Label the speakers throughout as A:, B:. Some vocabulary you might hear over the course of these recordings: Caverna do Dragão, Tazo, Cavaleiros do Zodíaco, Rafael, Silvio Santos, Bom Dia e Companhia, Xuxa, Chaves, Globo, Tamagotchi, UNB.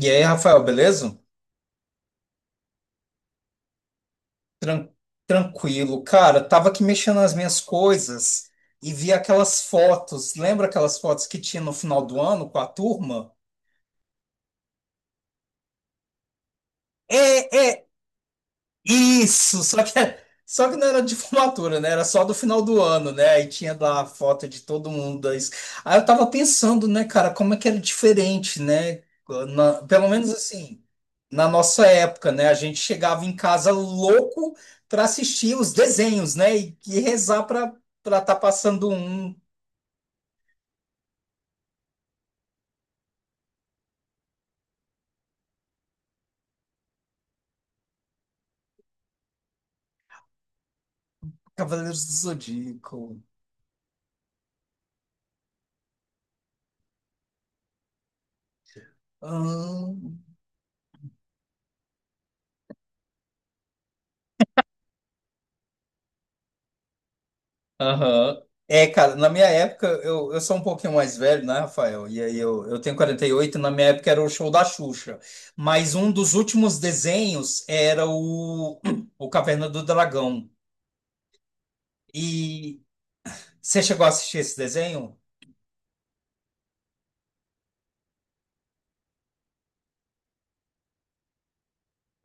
A: E aí, Rafael, beleza? Tran- Tranquilo. Cara, tava aqui mexendo nas minhas coisas e vi aquelas fotos. Lembra aquelas fotos que tinha no final do ano com a turma? É. Isso, só que, só que não era de formatura, né? Era só do final do ano, né? Aí tinha lá a foto de todo mundo. Aí eu tava pensando, né, cara, como é que era diferente, né? Pelo menos assim, na nossa época, né? A gente chegava em casa louco para assistir os desenhos, né? E rezar para tá passando um Cavaleiros do Zodíaco. Ah. Aham. É, cara, na minha época, eu sou um pouquinho mais velho, né, Rafael? E aí eu tenho 48, na minha época era o show da Xuxa. Mas um dos últimos desenhos era o, o Caverna do Dragão. E você chegou a assistir esse desenho?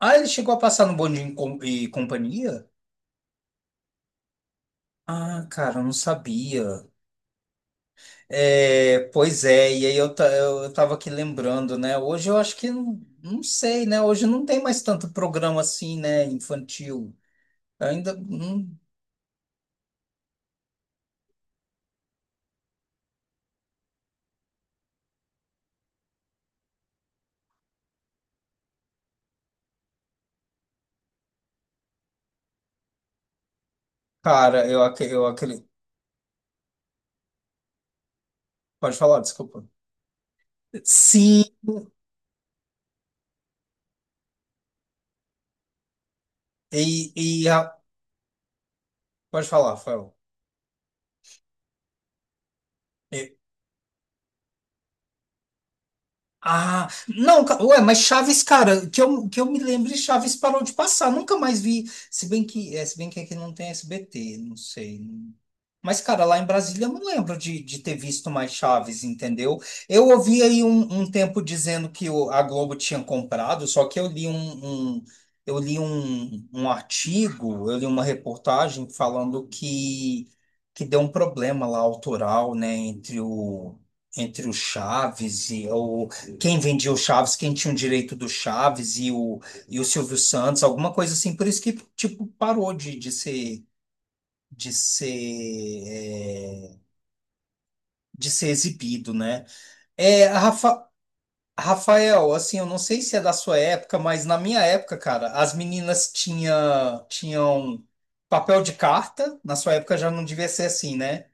A: Ah, ele chegou a passar no Bom Dia e Companhia? Ah, cara, eu não sabia. É, pois é, e aí eu, eu tava aqui lembrando, né? Hoje eu acho que, não não sei, né? Hoje não tem mais tanto programa assim, né, infantil. Ainda. Cara, eu, aque- eu aquele. Pode falar, desculpa. Sim, e, e a- pode falar, Rafael. Ah, não, ué, mas Chaves, cara, que eu me lembre, Chaves parou de passar, nunca mais vi. Se bem que, é, se bem que aqui não tem SBT, não sei. Mas, cara, lá em Brasília eu não lembro de ter visto mais Chaves, entendeu? Eu ouvi aí um tempo dizendo que a Globo tinha comprado, só que eu li um, eu li um, um artigo, eu li uma reportagem falando que deu um problema lá autoral, né, entre o, entre o Chaves e o quem vendia o Chaves, quem tinha o direito do Chaves e o Silvio Santos, alguma coisa assim. Por isso que, tipo, parou de ser, é, de ser exibido, né? É, Rafael, assim, eu não sei se é da sua época, mas na minha época, cara, as meninas tinham papel de carta. Na sua época já não devia ser assim, né?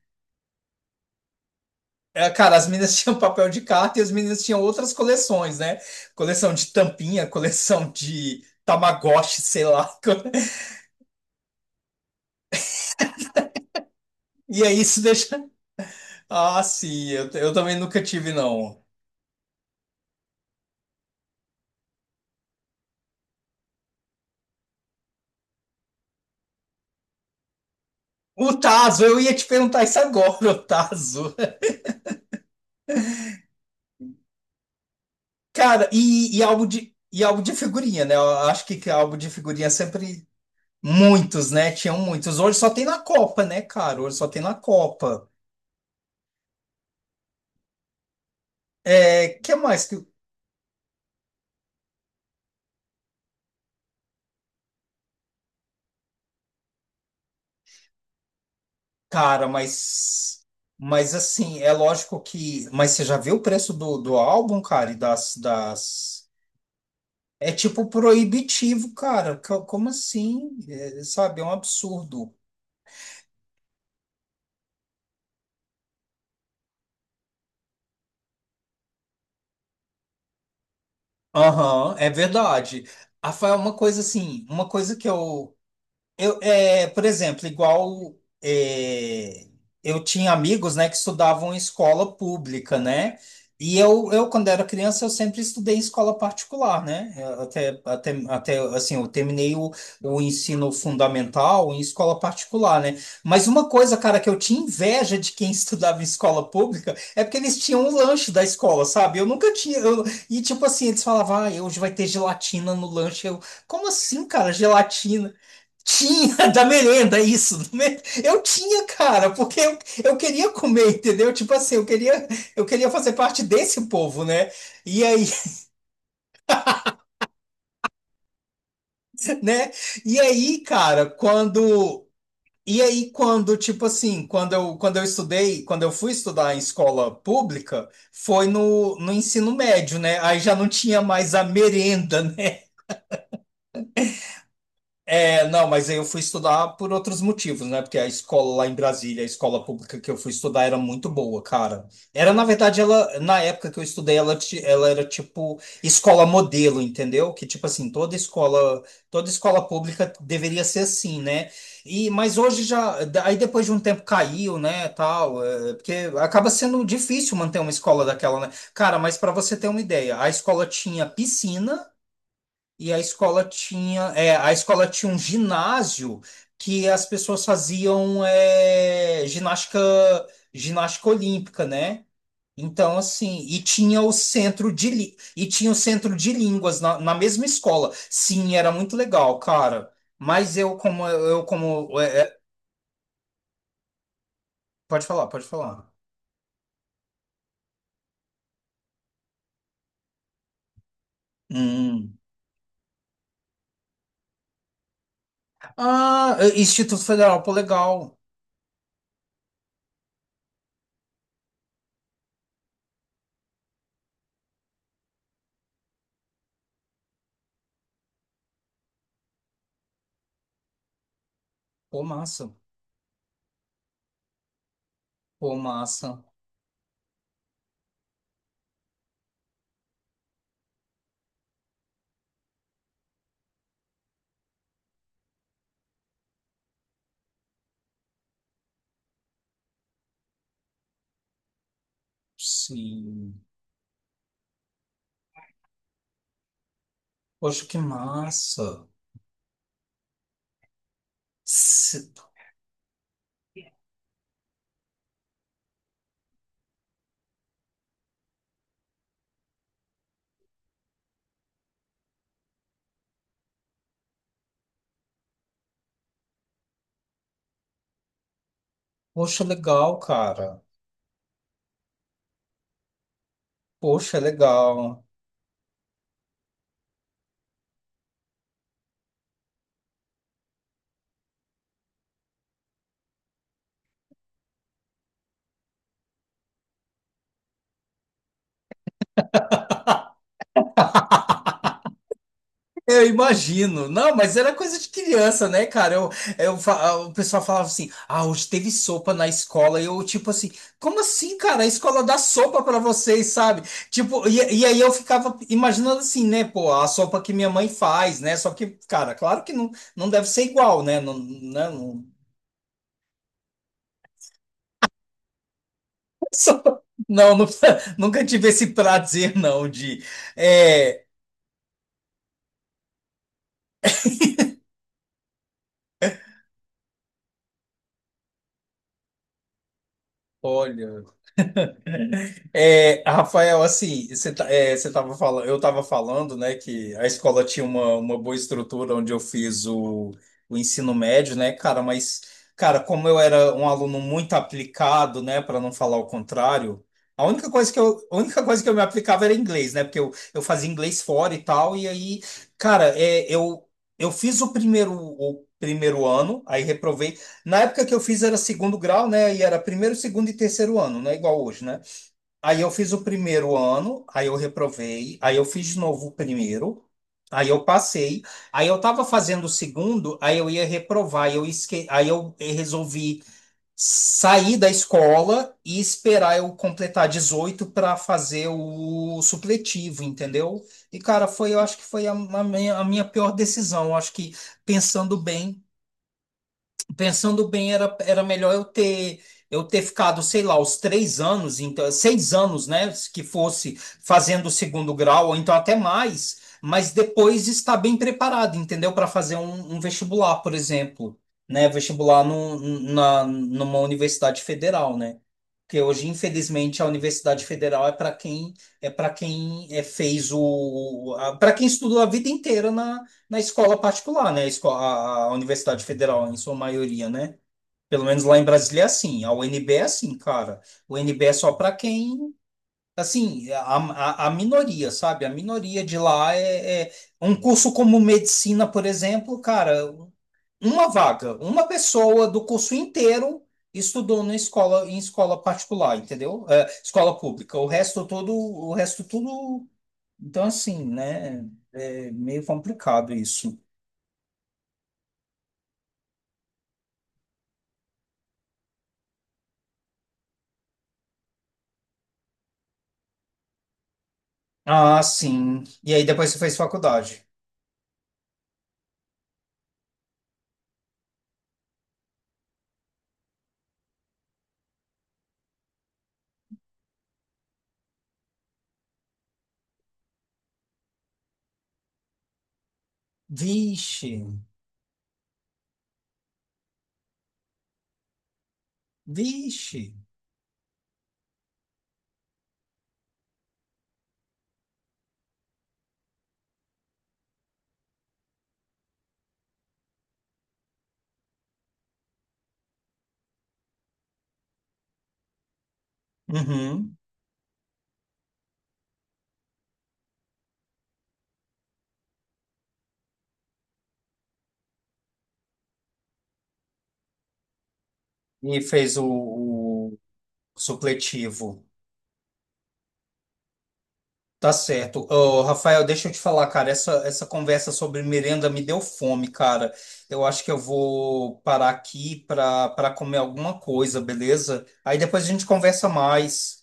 A: É, cara, as meninas tinham papel de carta e as meninas tinham outras coleções, né? Coleção de tampinha, coleção de Tamagotchi, sei lá. E aí isso deixa. Ah, sim, eu também nunca tive, não. O Tazo, eu ia te perguntar isso agora, o Tazo. Cara, e álbum de figurinha, né? Eu acho que álbum de figurinha sempre. Muitos, né? Tinham muitos. Hoje só tem na Copa, né, cara? Hoje só tem na Copa. É, que mais. Cara, mas. Mas assim, é lógico que. Mas você já viu o preço do, do álbum, cara? E das, das. É tipo proibitivo, cara. Como assim? É, sabe, é um absurdo. Aham, é verdade. Rafael, uma coisa assim, uma coisa que eu. Eu, é, por exemplo, é, eu tinha amigos, né, que estudavam em escola pública, né? E eu, quando era criança, eu sempre estudei em escola particular, né? Até assim, eu terminei o ensino fundamental em escola particular, né? Mas uma coisa, cara, que eu tinha inveja de quem estudava em escola pública é porque eles tinham o lanche da escola, sabe? Eu nunca tinha. E tipo assim, eles falavam, ah, hoje vai ter gelatina no lanche. Eu, como assim, cara, gelatina? Tinha da merenda, isso. Eu tinha, cara, porque eu queria comer, entendeu? Tipo assim, eu queria fazer parte desse povo, né? E aí, né? E aí, cara, quando. E aí, quando, tipo assim, quando eu estudei, quando eu fui estudar em escola pública, foi no, no ensino médio, né? Aí já não tinha mais a merenda, né? É, não, mas aí eu fui estudar por outros motivos, né? Porque a escola lá em Brasília, a escola pública que eu fui estudar era muito boa, cara. Era, na verdade, ela, na época que eu estudei, ela, ela era tipo escola modelo, entendeu? Que tipo assim, toda escola pública deveria ser assim, né? E, mas hoje já, aí depois de um tempo caiu, né, tal, é, porque acaba sendo difícil manter uma escola daquela, né? Cara, mas para você ter uma ideia, a escola tinha piscina, e a escola tinha, é, a escola tinha um ginásio que as pessoas faziam é, ginástica, ginástica olímpica, né? Então, assim, e tinha o centro de, e tinha o centro de línguas na, na mesma escola. Sim, era muito legal, cara. Mas eu como é, é, pode falar, pode falar. Hum. Ah, é, Instituto Federal, pô, legal. Pô, massa. Pô, massa. Sim. Poxa, que massa. Poxa, legal, cara. Poxa, legal. Eu imagino. Não, mas era coisa de criança, né, cara? Eu, ah, o pessoal falava assim: ah, hoje teve sopa na escola. E eu, tipo assim, como assim, cara? A escola dá sopa pra vocês, sabe? Tipo, e aí eu ficava imaginando assim, né, pô, a sopa que minha mãe faz, né? Só que, cara, claro que não, não deve ser igual, né? Não, né? Não, sopa- não, nunca, nunca tive esse prazer, não, de. É, olha. É, Rafael, assim, você tava falando, eu estava falando, né, que a escola tinha uma boa estrutura onde eu fiz o ensino médio, né, cara, mas, cara, como eu era um aluno muito aplicado, né, para não falar o contrário, a única coisa que eu, a única coisa que eu me aplicava era inglês, né, porque eu fazia inglês fora e tal, e aí, cara, é, eu fiz o primeiro ano, aí reprovei. Na época que eu fiz era segundo grau, né, e era primeiro, segundo e terceiro ano, não é igual hoje, né? Aí eu fiz o primeiro ano, aí eu reprovei, aí eu fiz de novo o primeiro, aí eu passei, aí eu estava fazendo o segundo, aí eu ia reprovar, aí eu resolvi sair da escola e esperar eu completar 18 para fazer o supletivo, entendeu? E cara, foi, eu acho que foi a minha pior decisão, eu acho que pensando bem. Pensando bem, era, era melhor eu ter ficado, sei lá, os três anos, então, seis anos, né? Que fosse fazendo o segundo grau, ou então até mais, mas depois estar bem preparado, entendeu? Para fazer um, um vestibular, por exemplo, né? Vestibular no, na, numa universidade federal, né? Porque hoje, infelizmente, a Universidade Federal é para quem é para quem é, fez o para quem estudou a vida inteira na na escola particular, né? A Universidade Federal, em sua maioria, né? Pelo menos lá em Brasília é assim. A UNB é assim, cara. O UNB é só para quem. Assim, a minoria, sabe? A minoria de lá é, é. Um curso como medicina, por exemplo, cara, uma vaga, uma pessoa do curso inteiro estudou na escola, em escola particular, entendeu? É, escola pública. O resto todo, o resto tudo. Então, assim, né? É meio complicado isso. Ah, sim. E aí depois você fez faculdade. Vixe, vixe. Uhum. E fez o supletivo. Tá certo. Ô, Rafael, deixa eu te falar, cara, essa conversa sobre merenda me deu fome, cara. Eu acho que eu vou parar aqui para para comer alguma coisa, beleza? Aí depois a gente conversa mais.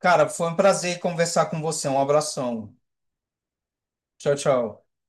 A: Cara, foi um prazer conversar com você. Um abração. Tchau, tchau.